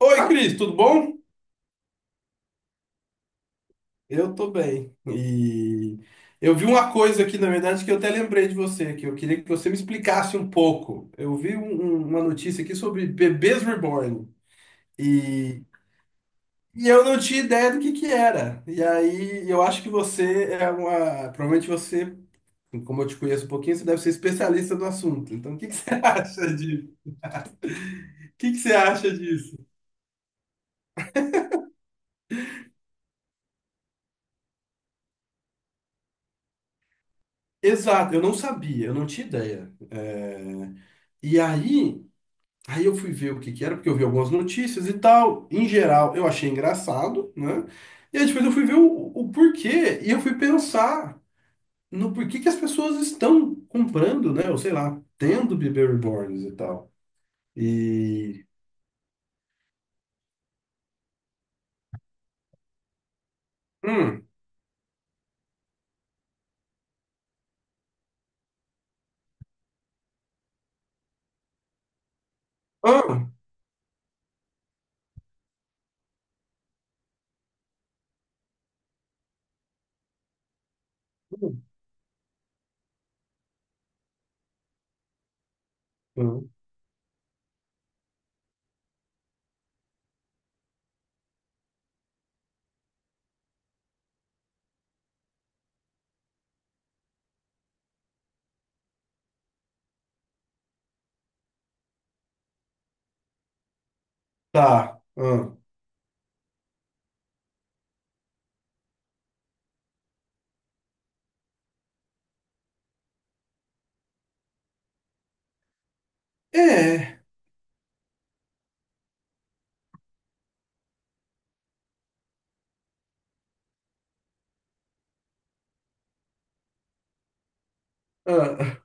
Oi, Cris, tudo bom? Eu tô bem. E eu vi uma coisa aqui, na verdade, que eu até lembrei de você, que eu queria que você me explicasse um pouco. Eu vi uma notícia aqui sobre bebês reborn e, e eu não tinha ideia do que era. E aí eu acho que você é uma. Provavelmente você, como eu te conheço um pouquinho, você deve ser especialista no assunto. Então, o que que você acha o que que você acha disso? Exato, eu não sabia, eu não tinha ideia. E aí. Aí eu fui ver o que que era, porque eu vi algumas notícias e tal. Em geral, eu achei engraçado, né? E aí depois eu fui ver o porquê e eu fui pensar no porquê que as pessoas estão comprando, né? Ou sei lá, tendo bebê reborns e tal. E. Hum. Ah, hum, hum, tá. Ah, é. Ah,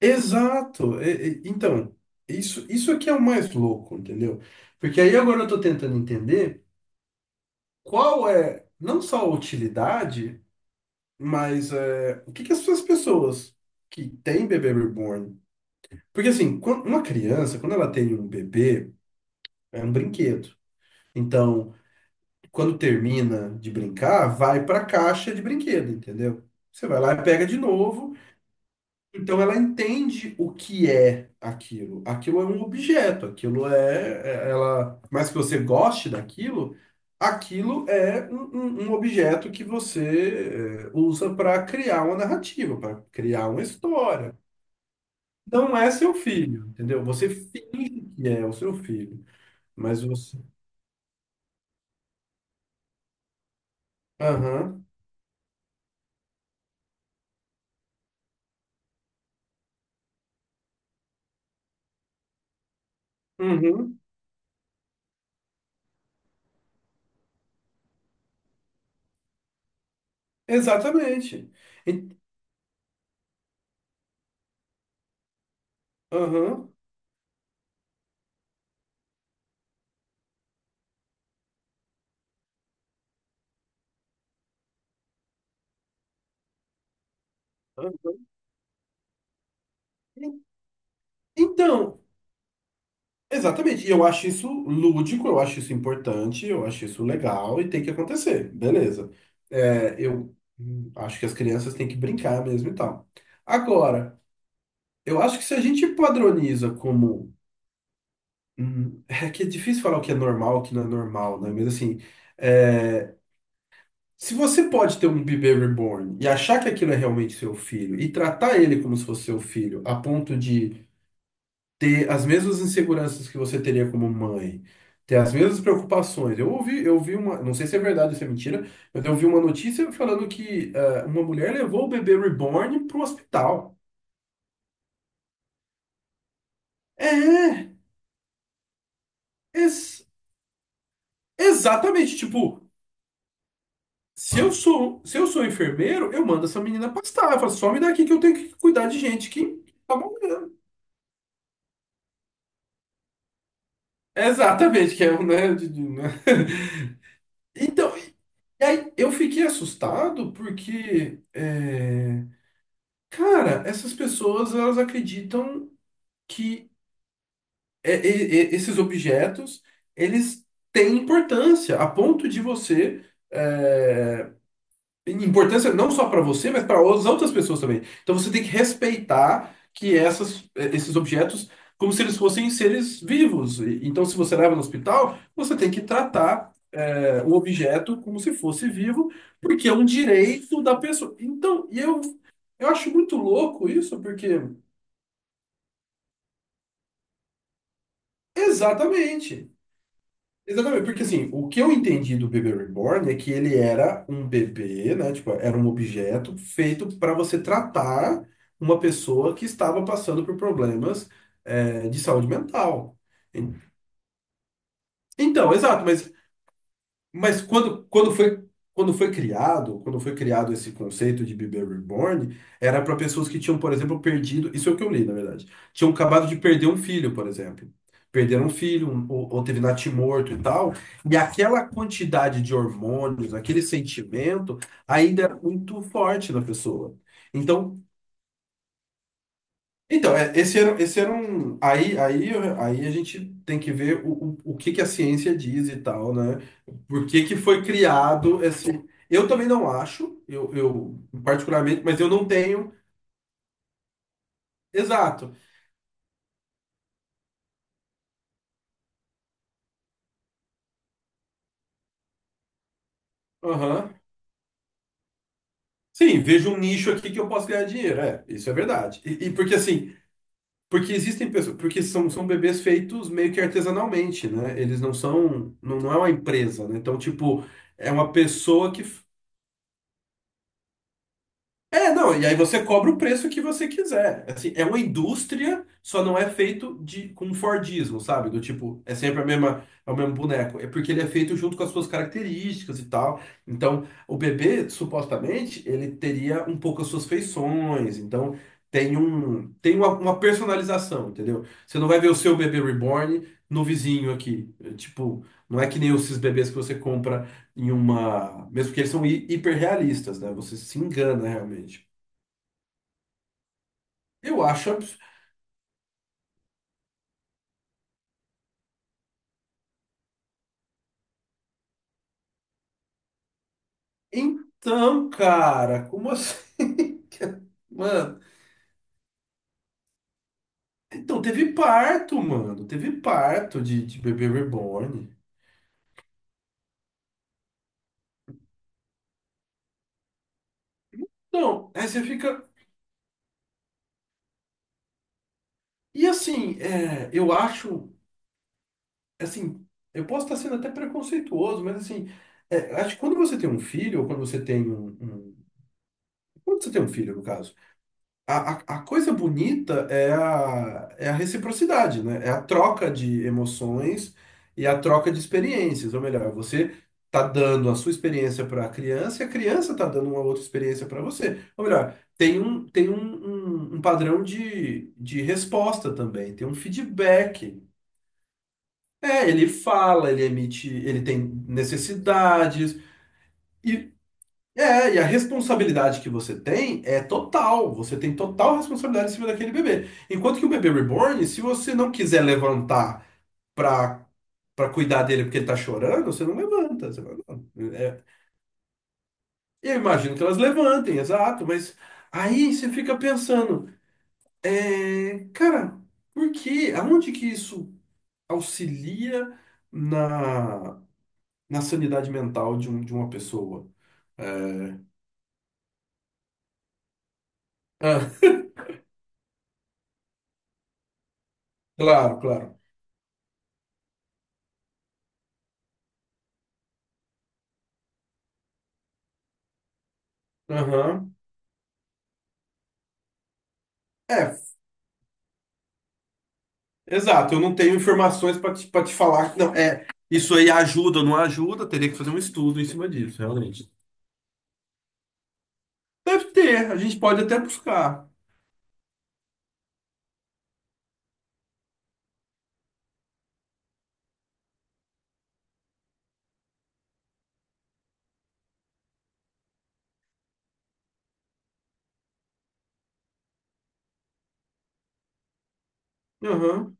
exato. Então, isso aqui é o mais louco, entendeu? Porque aí agora eu tô tentando entender qual é não só a utilidade. Mas é, o que que essas pessoas que têm bebê reborn? Porque assim, quan- uma criança, quando ela tem um bebê, é um brinquedo. Então, quando termina de brincar, vai para a caixa de brinquedo, entendeu? Você vai lá e pega de novo. Então ela entende o que é aquilo. Aquilo é um objeto, aquilo ela, mais que você goste daquilo, aquilo é um objeto que você usa para criar uma narrativa, para criar uma história. Não é seu filho, entendeu? Você finge que é o seu filho, mas você. Aham. Uhum. Exatamente. E- Aham. Aham. Então, exatamente, e eu acho isso lúdico, eu acho isso importante, eu acho isso legal e tem que acontecer, beleza. É, eu acho que as crianças têm que brincar mesmo e tal. Agora, eu acho que se a gente padroniza como. É que é difícil falar o que é normal, o que não é normal, né? Mas assim, é, se você pode ter um bebê reborn e achar que aquilo é realmente seu filho e tratar ele como se fosse seu filho, a ponto de ter as mesmas inseguranças que você teria como mãe, ter as mesmas preocupações. Eu ouvi, eu vi uma, não sei se é verdade ou se é mentira, mas eu ouvi uma notícia falando que ah, uma mulher levou o bebê reborn pro hospital. É, ex- exatamente, tipo, se eu sou, se eu sou enfermeiro, eu mando essa menina pastar, eu falo, some daqui que eu tenho que cuidar de gente que tá morrendo. Exatamente, que é, um, né, de- né? Então, e aí eu fiquei assustado porque cara, essas pessoas elas acreditam que esses objetos eles têm importância a ponto de você é, importância não só para você, mas para as outras pessoas também. Então você tem que respeitar que essas, é, esses objetos como se eles fossem seres vivos. E- Então se você leva no hospital, você tem que tratar é, o objeto como se fosse vivo, porque é um direito da pessoa. Então, eu eu acho muito louco isso, porque exatamente. Exatamente, porque assim, o que eu entendi do bebê reborn é que ele era um bebê, né? Tipo, era um objeto feito para você tratar uma pessoa que estava passando por problemas, de saúde mental. En- Então, exato, mas quando foi, quando foi criado esse conceito de bebê reborn, era para pessoas que tinham, por exemplo, perdido, isso é o que eu li, na verdade, tinham acabado de perder um filho, por exemplo. Perderam um filho, ou teve natimorto e tal, e aquela quantidade de hormônios, aquele sentimento, ainda era muito forte na pessoa. Então, então, é, esse era um. Aí a gente tem que ver o que que a ciência diz e tal, né? Por que que foi criado esse. Eu também não acho, eu particularmente, mas eu não tenho. Exato. Aham. Sim, vejo um nicho aqui que eu posso ganhar dinheiro. É, isso é verdade. E porque assim, porque existem pessoas, porque são, são bebês feitos meio que artesanalmente, né? Eles não são, não, não é uma empresa, né? Então, tipo, é uma pessoa que é, não, e aí você cobra o preço que você quiser. Assim, é uma indústria, só não é feito de com Fordismo, sabe? Do tipo, é sempre a mesma, é o mesmo boneco. É porque ele é feito junto com as suas características e tal. Então, o bebê, supostamente, ele teria um pouco as suas feições. Então, tem uma personalização, entendeu? Você não vai ver o seu bebê reborn no vizinho aqui. É, tipo, não é que nem esses bebês que você compra em uma. Mesmo que eles são hiperrealistas, né? Você se engana realmente. Eu acho absurdo. Então, cara, como assim? Mano. Então, teve parto, mano. Teve parto de bebê reborn. Então, aí você fica. E assim, é, eu acho. Assim, eu posso estar sendo até preconceituoso, mas assim. É, acho que quando você tem um filho, ou quando você tem quando você tem um filho, no caso. A coisa bonita é a reciprocidade, né? É a troca de emoções e a troca de experiências. Ou melhor, você tá dando a sua experiência para a criança e a criança tá dando uma outra experiência para você. Ou melhor, tem um padrão de resposta também, tem um feedback. É, ele fala, ele emite, ele tem necessidades. E, e a responsabilidade que você tem é total. Você tem total responsabilidade em cima daquele bebê. Enquanto que o bebê reborn, se você não quiser levantar pra, pra cuidar dele porque ele tá chorando, você não levanta. Você fala, "Não, é." Eu imagino que elas levantem, exato, mas aí você fica pensando, é, cara, por quê? Aonde que isso auxilia na, na sanidade mental de, um, de uma pessoa? É, ah, claro, claro. Aham. É, exato, eu não tenho informações para para te falar que não é isso aí ajuda ou não ajuda, teria que fazer um estudo em cima disso, realmente. Deve ter, a gente pode até buscar. Uhum.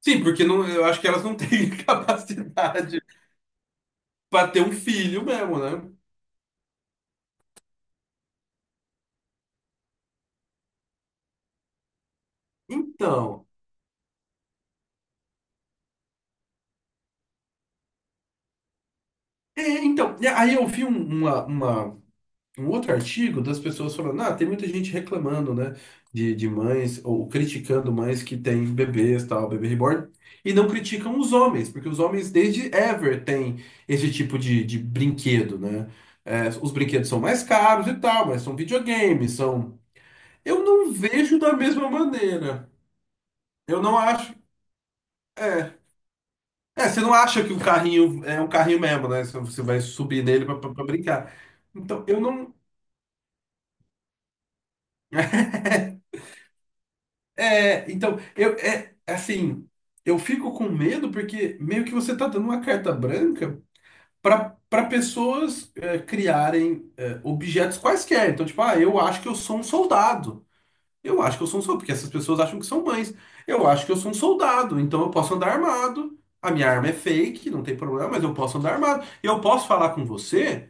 Sim, porque não, eu acho que elas não têm capacidade para ter um filho mesmo, né? Então, é, então, e aí eu vi uma, um outro artigo das pessoas falando, ah, tem muita gente reclamando, né, de mães, ou criticando mães que têm bebês, tal, bebê reborn, e não criticam os homens, porque os homens desde ever têm esse tipo de brinquedo, né? É, os brinquedos são mais caros e tal, mas são videogames, são... Eu não vejo da mesma maneira. Eu não acho... É, é, você não acha que o carrinho é um carrinho mesmo, né? Você vai subir nele pra brincar. Então, eu não. É, então, assim, eu fico com medo porque meio que você tá dando uma carta branca para pessoas é, criarem é, objetos quaisquer. Então, tipo, ah, eu acho que eu sou um soldado. Eu acho que eu sou um soldado, porque essas pessoas acham que são mães. Eu acho que eu sou um soldado, então eu posso andar armado. A minha arma é fake, não tem problema, mas eu posso andar armado. E eu posso falar com você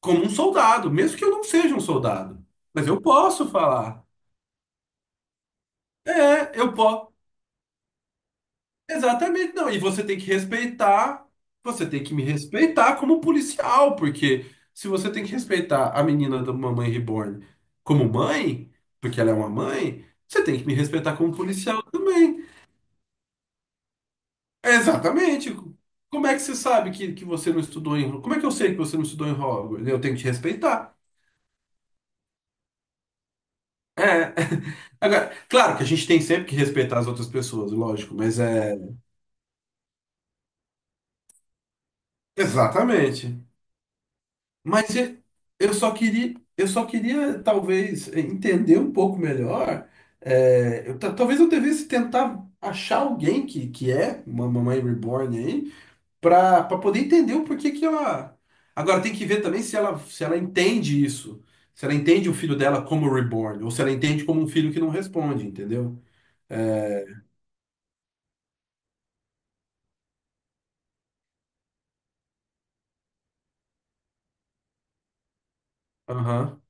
como um soldado, mesmo que eu não seja um soldado. Mas eu posso falar. É, eu posso. Exatamente, não. E você tem que respeitar, você tem que me respeitar como policial, porque se você tem que respeitar a menina da Mamãe Reborn como mãe, porque ela é uma mãe, você tem que me respeitar como policial também. Exatamente. Como é que você sabe que você não estudou em... Como é que eu sei que você não estudou em Hogwarts? Eu tenho que te respeitar. É. Agora, claro que a gente tem sempre que respeitar as outras pessoas, lógico, mas é... Exatamente. Mas e- eu só queria talvez entender um pouco melhor. É, talvez eu devesse tentar achar alguém que é uma mamãe reborn aí, para poder entender o porquê que ela. Agora tem que ver também se ela entende isso. Se ela entende o filho dela como reborn, ou se ela entende como um filho que não responde, entendeu? Aham.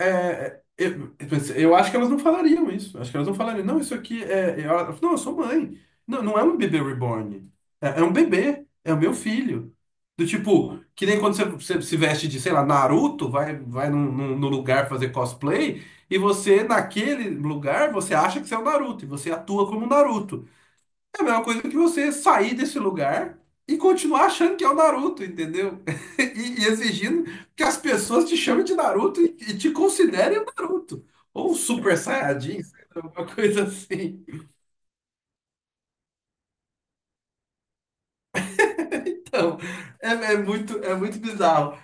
Eu eu acho que elas não falariam isso. Acho que elas não falariam. Não, isso aqui é. Não, eu sou mãe. Não, não é um bebê reborn. É, é um bebê. É o meu filho. Do tipo, que nem quando você se veste de, sei lá, Naruto, vai num lugar fazer cosplay, e você, naquele lugar, você acha que você é o Naruto, e você atua como Naruto. É a mesma coisa que você sair desse lugar e continuar achando que é o Naruto, entendeu? E exigindo que as pessoas te chamem de Naruto e te considerem o Naruto. Ou um Super Saiyajin, sei lá, alguma coisa assim. Então, é muito bizarro.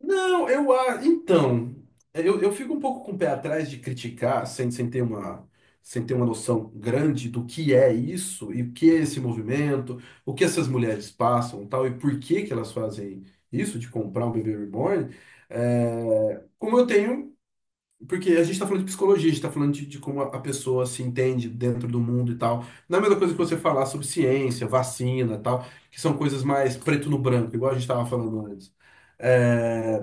Não, eu acho. Então, eu fico um pouco com o pé atrás de criticar, sem ter uma, sem ter uma noção grande do que é isso e o que é esse movimento, o que essas mulheres passam, tal, e por que que elas fazem isso de comprar um bebê reborn. É, como eu tenho. Porque a gente está falando de psicologia, a gente está falando de como a pessoa se entende dentro do mundo e tal. Não é a mesma coisa que você falar sobre ciência, vacina e tal, que são coisas mais preto no branco, igual a gente estava falando antes. Eh,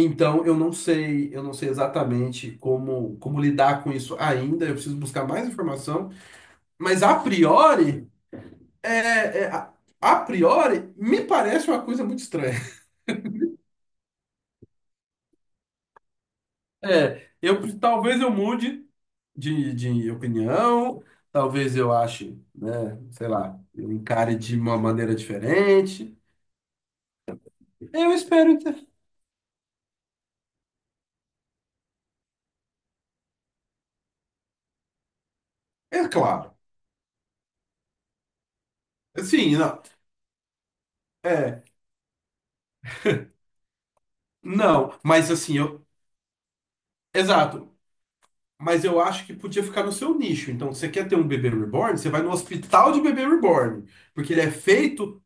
então, eu não sei exatamente como lidar com isso ainda. Eu preciso buscar mais informação. Mas a priori, é, é, a, a priori, me parece uma coisa muito estranha. É, eu talvez eu mude de opinião, talvez eu ache, né, sei lá, eu encare de uma maneira diferente. Eu espero ter. É claro. Sim, não. É, não, mas assim, eu. Exato. Mas eu acho que podia ficar no seu nicho. Então, se você quer ter um bebê reborn, você vai no hospital de bebê reborn. Porque ele é feito.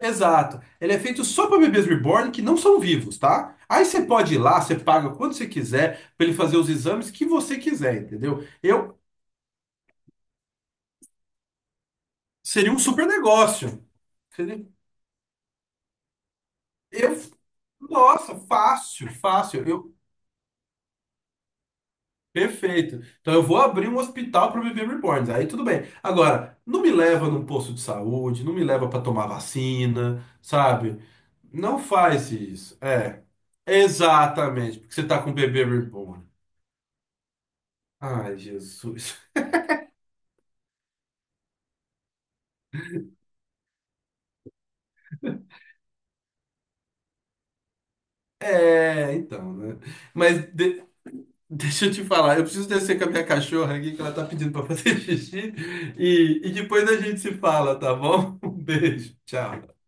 Exato. Ele é feito só para bebês reborn que não são vivos, tá? Aí você pode ir lá, você paga quando você quiser, para ele fazer os exames que você quiser, entendeu? Eu. Seria um super negócio. Seria- Eu. Nossa, fácil, fácil. Perfeito. Então eu vou abrir um hospital para bebê reborns. Aí tudo bem. Agora, não me leva num posto de saúde, não me leva para tomar vacina, sabe? Não faz isso. É, exatamente, porque você tá com um bebê reborn. Ai, Jesus. É, então, né? Mas de- deixa eu te falar, eu preciso descer com a minha cachorra aqui, que ela tá pedindo para fazer xixi, e depois a gente se fala, tá bom? Um beijo, tchau.